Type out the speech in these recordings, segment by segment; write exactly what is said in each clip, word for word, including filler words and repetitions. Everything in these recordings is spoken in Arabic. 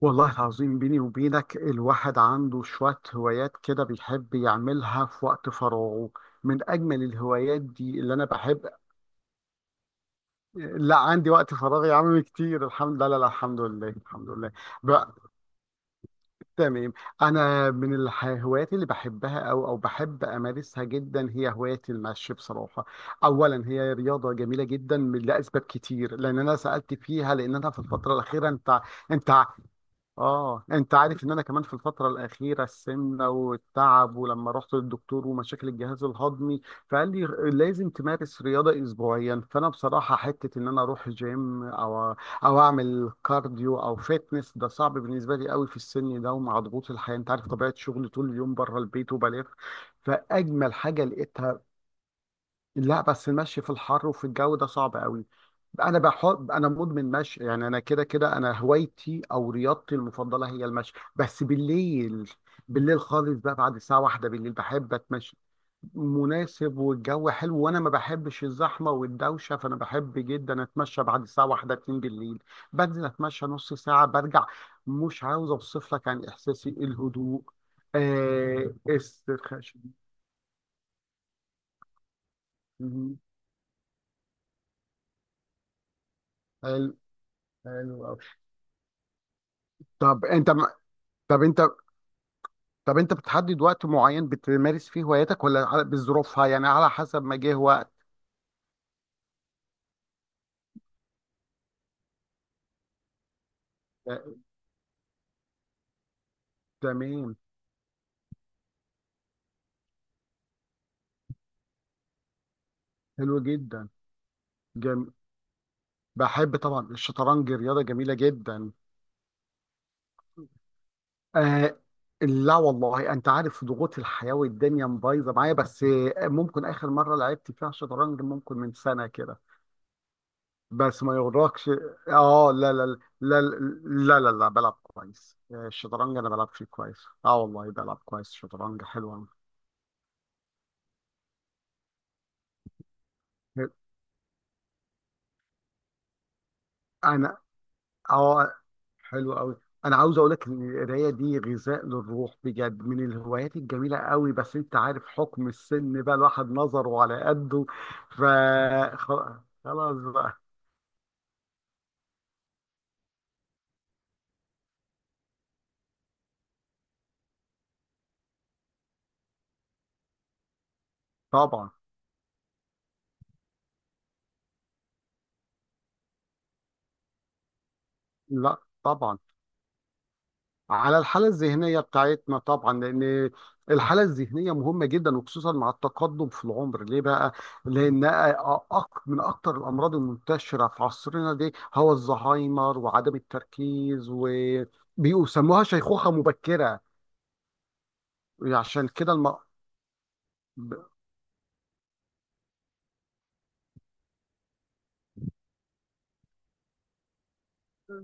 والله العظيم بيني وبينك، الواحد عنده شوية هوايات كده بيحب يعملها في وقت فراغه. من أجمل الهوايات دي اللي أنا بحب. لا، عندي وقت فراغ يا عم كتير، الحمد لله. لا لا، الحمد لله الحمد لله. بقى تمام. أنا من الح- الهوايات اللي بحبها أو أو بحب أمارسها جدا، هي هواية المشي بصراحة. أولا هي رياضة جميلة جدا، من- لأسباب كتير، لأن أنا سألت فيها، لأن أنا في الفترة الأخيرة أنت أنت اه انت عارف ان انا كمان في الفتره الاخيره السمنه والتعب، ولما رحت للدكتور ومشاكل الجهاز الهضمي، فقال لي لازم تمارس رياضه اسبوعيا. فانا بصراحه حته ان انا اروح جيم او او اعمل كارديو او فيتنس، ده صعب بالنسبه لي قوي في السن ده، ومع ضغوط الحياه انت عارف طبيعه شغلي طول اليوم بره البيت وبلف. فاجمل حاجه لقيتها، لا بس المشي في الحر وفي الجو ده صعب قوي. انا بحب انا مدمن مشي يعني، انا كده كده، انا هوايتي او رياضتي المفضله هي المشي، بس بالليل. بالليل خالص بقى، بعد الساعه واحدة بالليل بحب اتمشى. مناسب والجو حلو، وانا ما بحبش الزحمه والدوشه، فانا بحب جدا اتمشى بعد الساعه واحدة اتنين بالليل. بنزل اتمشى نص ساعه برجع. مش عاوز اوصف لك عن احساسي الهدوء، آه استرخاء شديد. مم. حلو. حلو أوي. طب انت طب انت طب انت بتحدد وقت معين بتمارس فيه هواياتك، ولا على- بظروفها، يعني على حسب ما جه وقت؟ آه، تمام. حلو جدا. جم... بحب طبعا، الشطرنج رياضة جميلة جدا. آه، لا والله انت عارف ضغوط الحياة والدنيا مبايظة معايا، بس آه، ممكن اخر مرة لعبت فيها شطرنج ممكن من سنة كده. بس ما يغركش. اه، لا لا. لا. لا لا لا، بلعب كويس. آه، الشطرنج انا بلعب فيه كويس، اه والله بلعب كويس شطرنج، حلو أوي. انا اه حلو قوي. انا عاوز اقول لك ان القرايه دي غذاء للروح بجد، من الهوايات الجميله قوي، بس انت عارف حكم السن بقى، الواحد نظره على قده. ف خ- خلاص بقى. طبعا. لا. طبعا، على الحاله الذهنيه بتاعتنا طبعا، لان الحاله الذهنيه مهمه جدا، وخصوصا مع التقدم في العمر ليه بقى، لان أك- من اكتر الامراض المنتشره في عصرنا دي هو الزهايمر، وعدم التركيز و... بيسموها شيخوخة مبكرة. عشان كده الم... ب-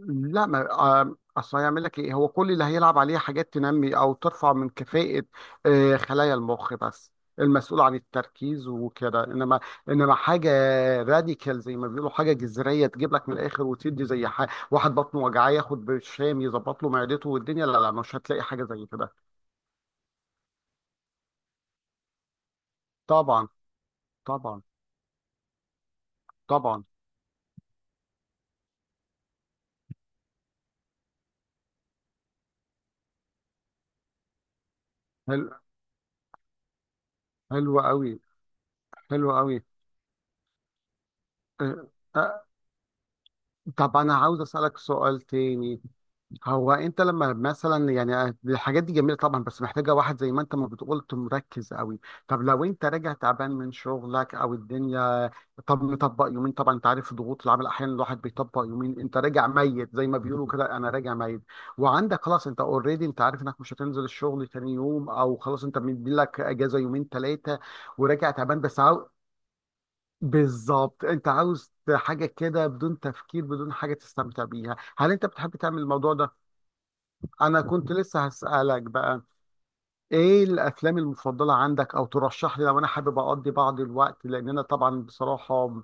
لا ما آه، اصل هيعمل لك ايه؟ هو كل اللي هيلعب عليه حاجات تنمي او ترفع من كفاءة آه، خلايا المخ بس، المسؤول عن التركيز وكده. انما انما حاجه راديكال زي ما بيقولوا، حاجه جذريه تجيب لك من الاخر وتدي، زي ح... واحد بطنه وجعاه ياخد برشام يظبط له معدته. والدنيا لا لا، مش هتلاقي حاجه زي كده. طبعا. طبعا. طبعا. حلو. حلو قوي. حلو قوي. آه. آه. طب انا عاوز اسالك سؤال تاني. هو انت لما مثلا يعني آه، الحاجات دي جميله طبعا، بس محتاجه واحد زي ما انت ما بتقول، مركز قوي. طب لو انت راجع تعبان من شغلك او الدنيا، طب نطبق يومين، طبعا انت عارف ضغوط العمل احيانا الواحد بيطبق يومين، انت راجع ميت زي ما بيقولوا كده، انا راجع ميت. وعندك خلاص، انت اوريدي انت عارف انك مش هتنزل الشغل تاني يوم، او خلاص انت مدي لك اجازه يومين ثلاثه. وراجع تعبان بس عاو... بالظبط، انت عاوز حاجه كده بدون تفكير، بدون حاجه تستمتع بيها، هل انت بتحب تعمل الموضوع ده؟ انا كنت لسه هسألك بقى، ايه الافلام المفضلة عندك، او ترشح لي لو انا حابب اقضي بعض الوقت، لان انا طبعا بصراحة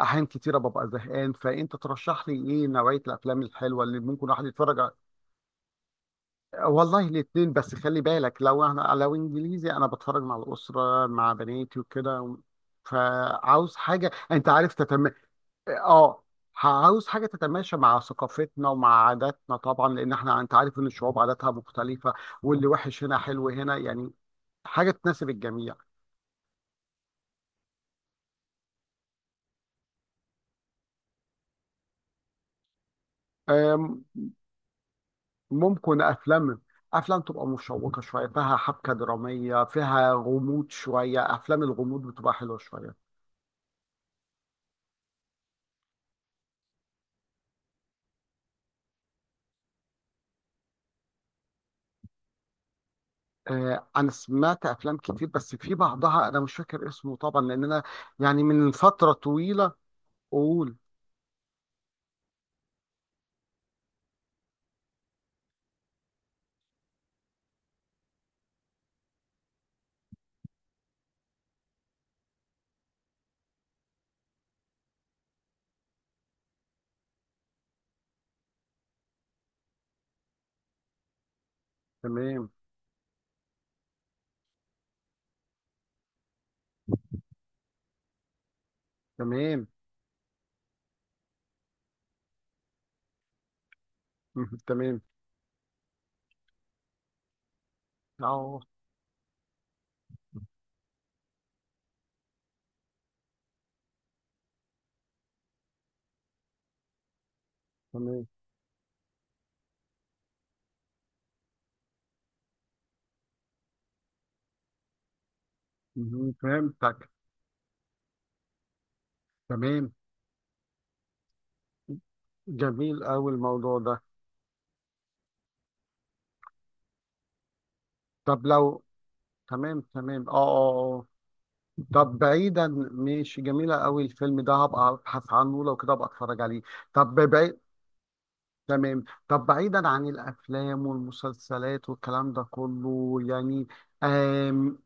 احيان كتيرة ببقى زهقان، فانت ترشح لي ايه نوعية الافلام الحلوة اللي ممكن الواحد يتفرج ع- والله الاتنين، بس خلي بالك لو انا لو انجليزي انا بتفرج مع الاسرة، مع بناتي وكده، فعاوز حاجة انت عارف تتم... اه، عاوز حاجه تتماشى مع ثقافتنا ومع عاداتنا، طبعا لان احنا انت عارف ان الشعوب عاداتها مختلفه، واللي وحش هنا حلو هنا يعني. حاجه تناسب الجميع. أم، ممكن افلام افلام تبقى مشوقه شويه، فيها حبكه دراميه، فيها غموض شويه، افلام الغموض بتبقى حلوه شويه. أه، انا سمعت افلام كتير، بس في بعضها انا مش فاكر اسمه طبعا لان انا يعني من فتره طويله. اقول تمام. تمام. تمام. اه. تمام. مم، فهمتك. تمام. جميل أوي الموضوع ده. طب لو تمام. تمام، اه اه اه. طب بعيدا ماشي، جميلة أوي الفيلم ده، هبقى أبحث عنه، لو كده أبقى أتفرج عليه. طب بعيد تمام، طب بعيدا عن الأفلام والمسلسلات والكلام ده كله يعني. آمم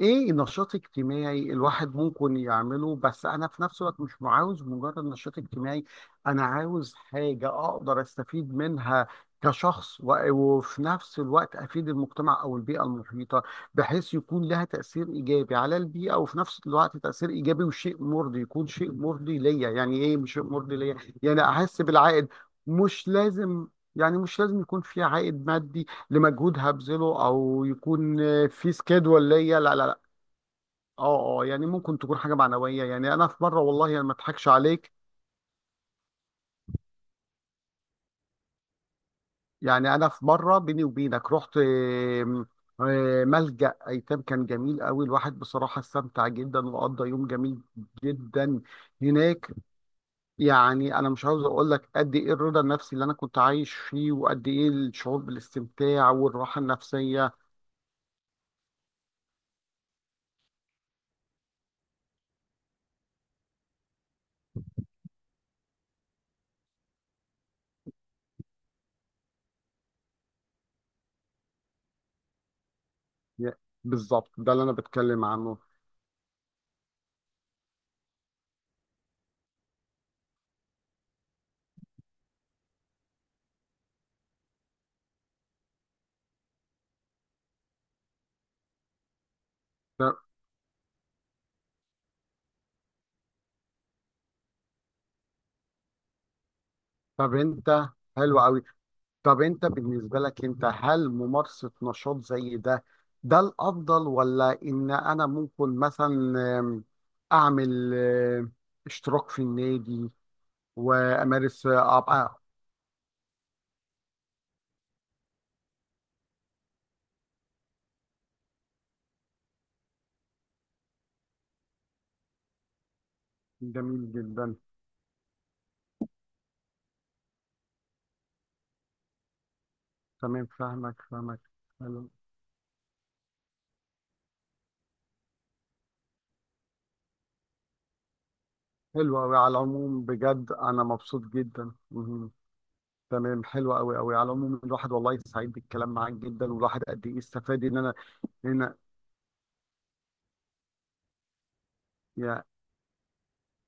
ايه نشاط اجتماعي الواحد ممكن يعمله؟ بس انا في نفس الوقت مش عاوز مجرد نشاط اجتماعي، انا عاوز حاجة اقدر استفيد منها كشخص، و- وفي نفس الوقت افيد المجتمع او البيئة المحيطة، بحيث يكون لها تأثير ايجابي على البيئة، وفي نفس الوقت تأثير ايجابي وشيء مرضي، يكون شيء مرضي ليا، يعني ايه مش شيء مرضي ليا، يعني احس بالعائد. مش لازم يعني مش لازم يكون في عائد مادي لمجهود هبذله، او يكون في سكيدول ليا. لا لا لا. اه اه. يعني ممكن تكون حاجه معنويه، يعني انا في مره والله انا ما اضحكش عليك، يعني انا في مره بيني وبينك رحت آم، آم، ملجأ ايتام. كان جميل قوي، الواحد بصراحه استمتع جدا وقضى يوم جميل جدا هناك. يعني انا مش عاوز اقول لك قد ايه الرضا النفسي اللي انا كنت عايش فيه، وقد ايه الشعور بالاستمتاع والراحه النفسيه. بالظبط ده اللي انا بتكلم عنه. ف- طب انت حلو قوي. طب انت بالنسبة لك انت، هل ممارسة نشاط زي ده ده الافضل، ولا ان انا ممكن مثلا آم، اعمل آم، اشتراك في النادي، وامارس آه، ابقى... جميل جدا. تمام، فاهمك فاهمك. حلو. حلو قوي. على العموم بجد انا مبسوط جدا مهم. تمام، حلو قوي قوي. على العموم الواحد والله سعيد بالكلام معاك جدا، والواحد قد ايه استفاد ان انا هنا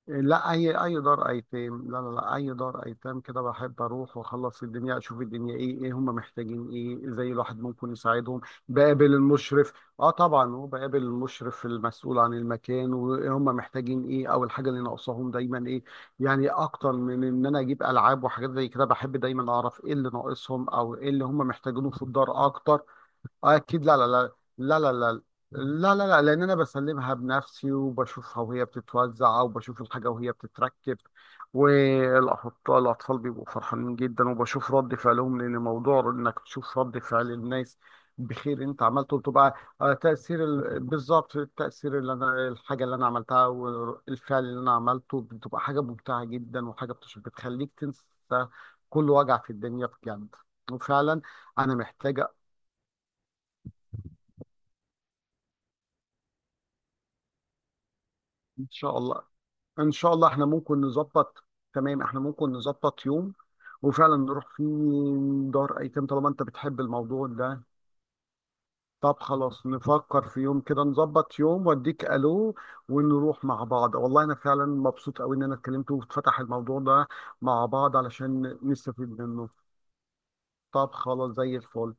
لا، اي اي دار ايتام، لا لا لا اي دار ايتام كده بحب اروح واخلص الدنيا، اشوف الدنيا ايه، ايه هم محتاجين، ايه ازاي الواحد ممكن يساعدهم. بقابل المشرف اه طبعا، هو بقابل المشرف المسؤول عن المكان، وهم محتاجين ايه، او الحاجه اللي ناقصاهم دايما ايه. يعني اكتر من ان انا اجيب العاب وحاجات زي كده، بحب دايما اعرف ايه اللي ناقصهم، او ايه اللي هم محتاجينه في الدار اكتر. اه اكيد، لا لا لا، لا لا لا، لا لا لا. لان انا بسلمها بنفسي وبشوفها وهي بتتوزع، وبشوف الحاجه وهي بتتركب. والاطفال الاطفال بيبقوا فرحانين جدا، وبشوف رد فعلهم، لان موضوع انك تشوف رد فعل الناس بخير انت عملته بتبقى آه، تاثير ال... بالظبط، التاثير اللي انا الحاجه اللي انا عملتها، والفعل اللي انا عملته، بتبقى حاجه ممتعه جدا، وحاجه بتش- بتخليك تنسى كل وجع في الدنيا بجد. وفعلا. انا محتاجه. ان شاء الله. ان شاء الله احنا ممكن نظبط. تمام، احنا ممكن نظبط يوم وفعلا نروح فيه دار ايتام، طالما انت بتحب الموضوع ده. طب خلاص نفكر في يوم كده، نظبط يوم واديك الو، ونروح مع بعض. والله انا فعلا مبسوط قوي ان انا اتكلمت واتفتح الموضوع ده، مع بعض علشان نستفيد منه. طب خلاص، زي الفل.